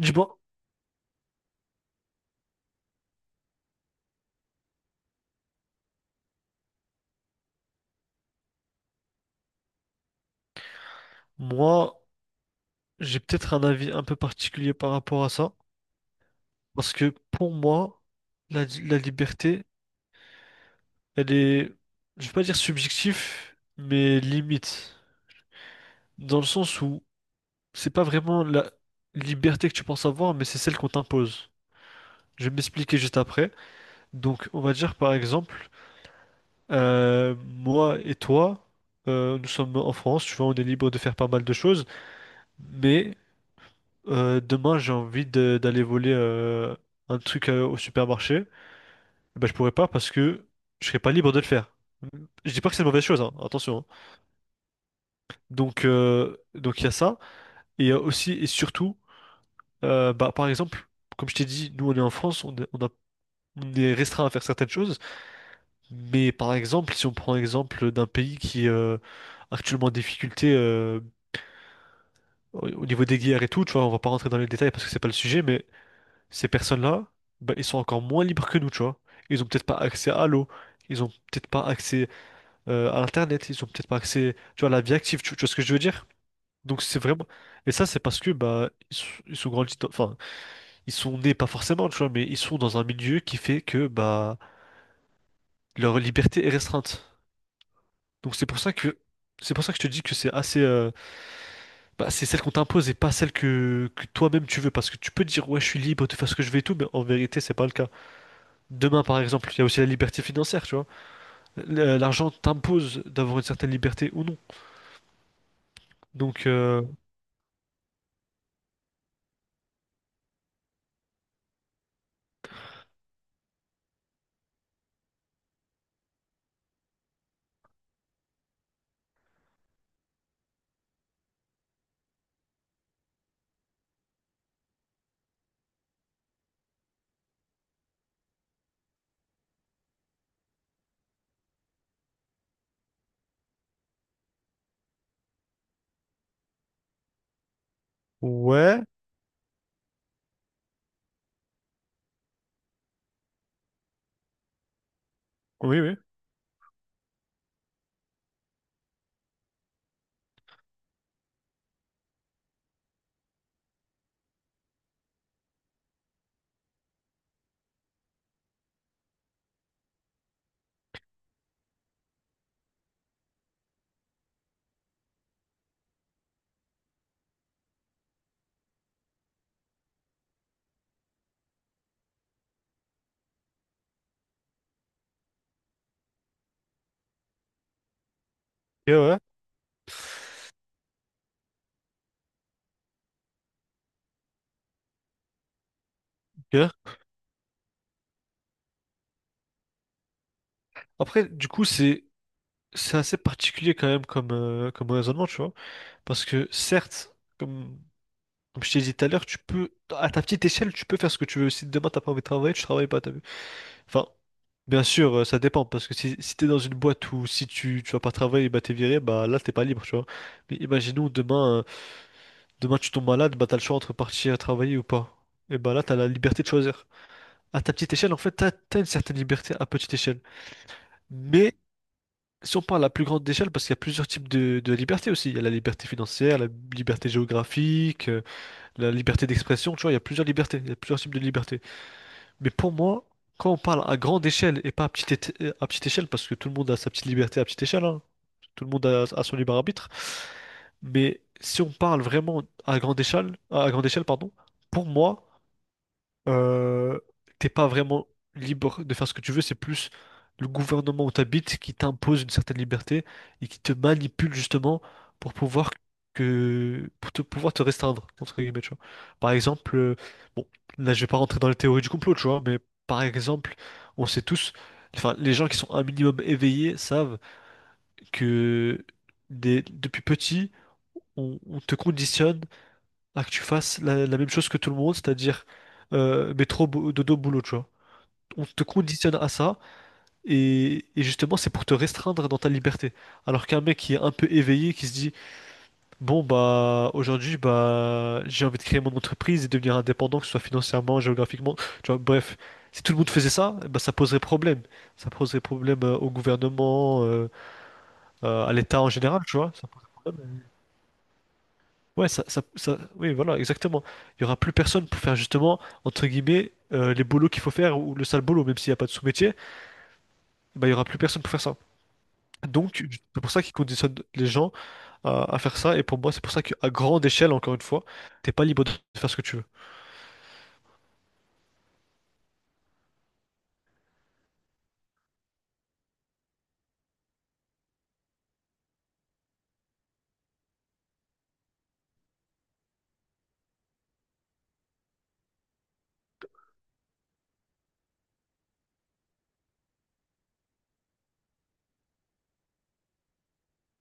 Dis-moi, moi, j'ai peut-être un avis un peu particulier par rapport à ça, parce que pour moi, la liberté, elle est, je vais pas dire subjectif, mais limite, dans le sens où c'est pas vraiment la liberté que tu penses avoir, mais c'est celle qu'on t'impose. Je vais m'expliquer juste après. Donc, on va dire par exemple, moi et toi, nous sommes en France, tu vois, on est libre de faire pas mal de choses, mais Demain, d'aller voler un truc au supermarché. Bah, je pourrais pas parce que je serais pas libre de le faire. Je dis pas que c'est une mauvaise chose, hein, attention, hein. Donc il y a ça. Et il y a aussi et surtout, bah, par exemple, comme je t'ai dit, nous on est en France, on est restreint à faire certaines choses. Mais par exemple, si on prend l'exemple d'un pays qui est actuellement en difficulté au niveau des guerres et tout, tu vois, on va pas rentrer dans les détails parce que c'est pas le sujet, mais ces personnes-là, ben, ils sont encore moins libres que nous, tu vois. Ils ont peut-être pas accès à l'eau, ils ont peut-être pas accès à Internet, ils ont peut-être pas accès, tu vois, à la vie active, tu vois ce que je veux dire? Donc c'est vraiment... Et ça, c'est parce que bah, ils sont grandis dans- Enfin, ils sont nés pas forcément, tu vois, mais ils sont dans un milieu qui fait que bah, leur liberté est restreinte. Donc c'est pour ça que... C'est pour ça que je te dis que c'est assez... bah, c'est celle qu'on t'impose et pas celle que toi-même tu veux. Parce que tu peux dire, ouais, je suis libre de faire ce que je veux et tout, mais en vérité, c'est pas le cas. Demain, par exemple, il y a aussi la liberté financière, tu vois. L'argent t'impose d'avoir une certaine liberté ou non. Donc, ouais, oui, oui, ok, ouais, ok. Après, du coup, c'est assez particulier quand même comme raisonnement, tu vois. Parce que certes, comme je t'ai dit tout à l'heure, à ta petite échelle, tu peux faire ce que tu veux. Si demain, t'as pas envie de travailler, tu travailles pas, t'as vu. Enfin, bien sûr, ça dépend. Parce que si t'es dans une boîte où si tu vas pas travailler, bah t'es viré, bah là, t'es pas libre, tu vois. Mais imaginons demain. Demain, tu tombes malade, bah t'as le choix entre partir travailler ou pas. Et bah là, t'as la liberté de choisir. À ta petite échelle, en fait, t'as une certaine liberté à petite échelle. Mais si on parle à plus grande échelle, parce qu'il y a plusieurs types de liberté aussi. Il y a la liberté financière, la liberté géographique, la liberté d'expression, tu vois, il y a plusieurs libertés, il y a plusieurs types de libertés. Mais pour moi, quand on parle à grande échelle et pas à petite, à petite échelle, parce que tout le monde a sa petite liberté à petite échelle, hein. Tout le monde a son libre arbitre. Mais si on parle vraiment à grande échelle, pardon, pour moi, euh, t'es pas vraiment libre de faire ce que tu veux, c'est plus le gouvernement où t'habites qui t'impose une certaine liberté et qui te manipule justement pour pouvoir pouvoir te restreindre, entre guillemets, tu vois. Par exemple, bon, là je vais pas rentrer dans les théories du complot, tu vois, mais par exemple, on sait tous, enfin les gens qui sont un minimum éveillés savent que depuis petit, on te conditionne à que tu fasses la même chose que tout le monde, c'est-à-dire métro, dodo, boulot, tu vois. On te conditionne à ça, et justement, c'est pour te restreindre dans ta liberté. Alors qu'un mec qui est un peu éveillé, qui se dit, bon, bah, aujourd'hui, bah, j'ai envie de créer mon entreprise et devenir indépendant, que ce soit financièrement, géographiquement, tu vois, bref. Si tout le monde faisait ça, bah, ça poserait problème. Ça poserait problème au gouvernement, à l'État en général, tu vois, ça poserait problème. Ouais, oui, voilà, exactement. Il y aura plus personne pour faire justement, entre guillemets, les bolos qu'il faut faire ou le sale boulot, même s'il n'y a pas de sous-métier, bah, il y aura plus personne pour faire ça. Donc, c'est pour ça qu'ils conditionnent les gens à faire ça. Et pour moi, c'est pour ça qu'à grande échelle, encore une fois, t'es pas libre de faire ce que tu veux.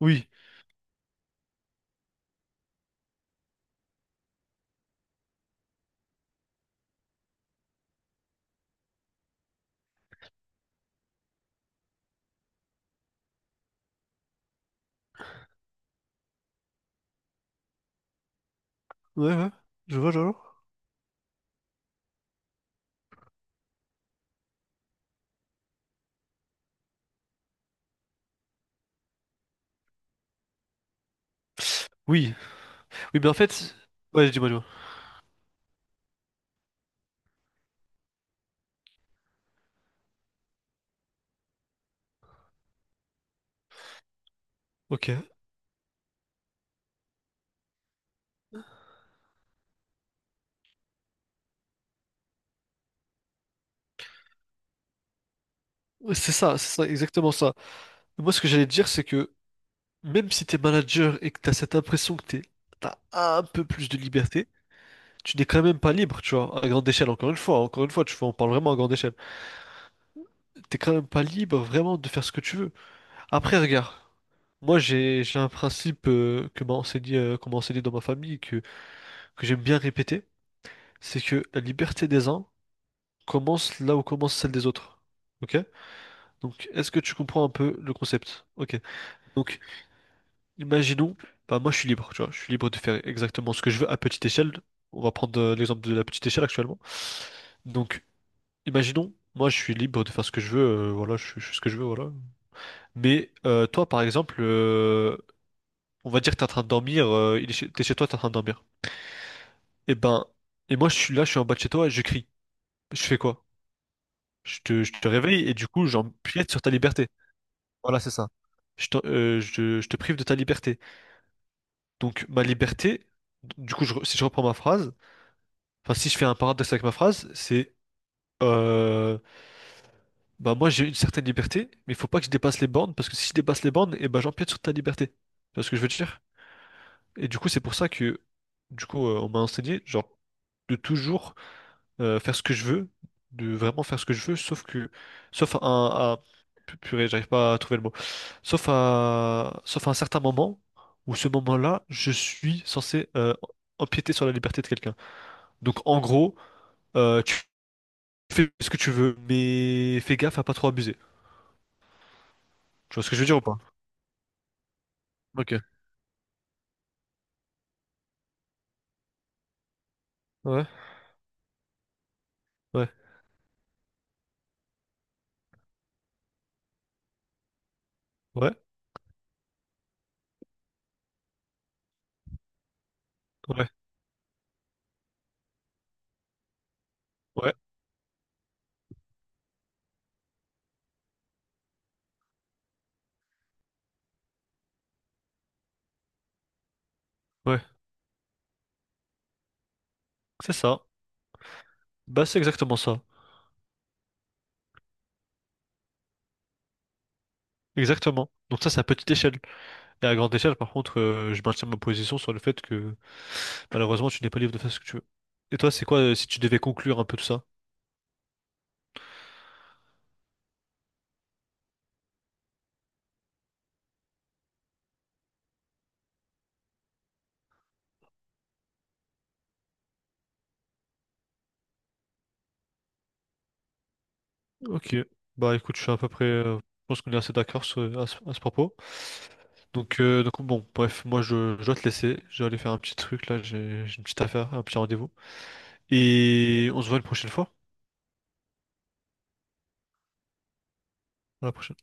Oui, ouais, ouais, je vois, je vois. Oui, oui, mais en fait, ouais, dis-moi, dis-moi. Ok, c'est ça, exactement ça. Moi, ce que j'allais te dire, c'est que même si t'es manager et que t'as cette impression que t'as un peu plus de liberté, tu n'es quand même pas libre, tu vois, à grande échelle, encore une fois, tu vois, on parle vraiment à grande échelle. T'es quand même pas libre vraiment de faire ce que tu veux. Après, regarde, moi j'ai un principe que qu'on m'a enseigné dans ma famille, que j'aime bien répéter, c'est que la liberté des uns commence là où commence celle des autres. Ok? Donc, est-ce que tu comprends un peu le concept? Ok. Donc, imaginons, bah moi je suis libre, tu vois, je suis libre de faire exactement ce que je veux à petite échelle. On va prendre l'exemple de la petite échelle actuellement. Donc, imaginons, moi je suis libre de faire ce que je veux, voilà, je fais ce que je veux, voilà. Mais toi, par exemple, on va dire que t'es en train de dormir, t'es chez toi, t'es en train de dormir. Et ben, et moi je suis là, je suis en bas de chez toi et je crie. Je fais quoi? Je te réveille et du coup j'empiète sur ta liberté. Voilà, c'est ça. Je te prive de ta liberté. Donc ma liberté, du coup, si je reprends ma phrase, enfin si je fais un paradoxe avec ma phrase, c'est euh, bah moi j'ai une certaine liberté, mais il faut pas que je dépasse les bornes, parce que si je dépasse les bornes, et bah j'empiète sur ta liberté. Tu vois ce que je veux te dire? Et du coup c'est pour ça que on m'a enseigné genre de toujours faire ce que je veux, de vraiment faire ce que je veux, sauf que sauf à, un- à- pu- purée, j'arrive pas à trouver le mot. Sauf à un certain moment où ce moment-là, je suis censé empiéter sur la liberté de quelqu'un. Donc en gros, tu fais ce que tu veux, mais fais gaffe à pas trop abuser. Tu vois ce que je veux dire ou pas? Ok. Ouais, ouais, ouais, ouais, ouais, ouais. C'est ça. Bah, c'est exactement ça. Exactement. Donc ça, c'est à petite échelle. Et à grande échelle, par contre, je maintiens ma position sur le fait que malheureusement, tu n'es pas libre de faire ce que tu veux. Et toi, c'est quoi si tu devais conclure un peu tout ça? Ok. Bah, écoute, je suis à peu près... je pense qu'on est assez d'accord à ce propos. Donc, bon, bref, moi, je dois te laisser. Je vais aller faire un petit truc, là. J'ai une petite affaire, un petit rendez-vous. Et on se voit une prochaine fois. À la prochaine.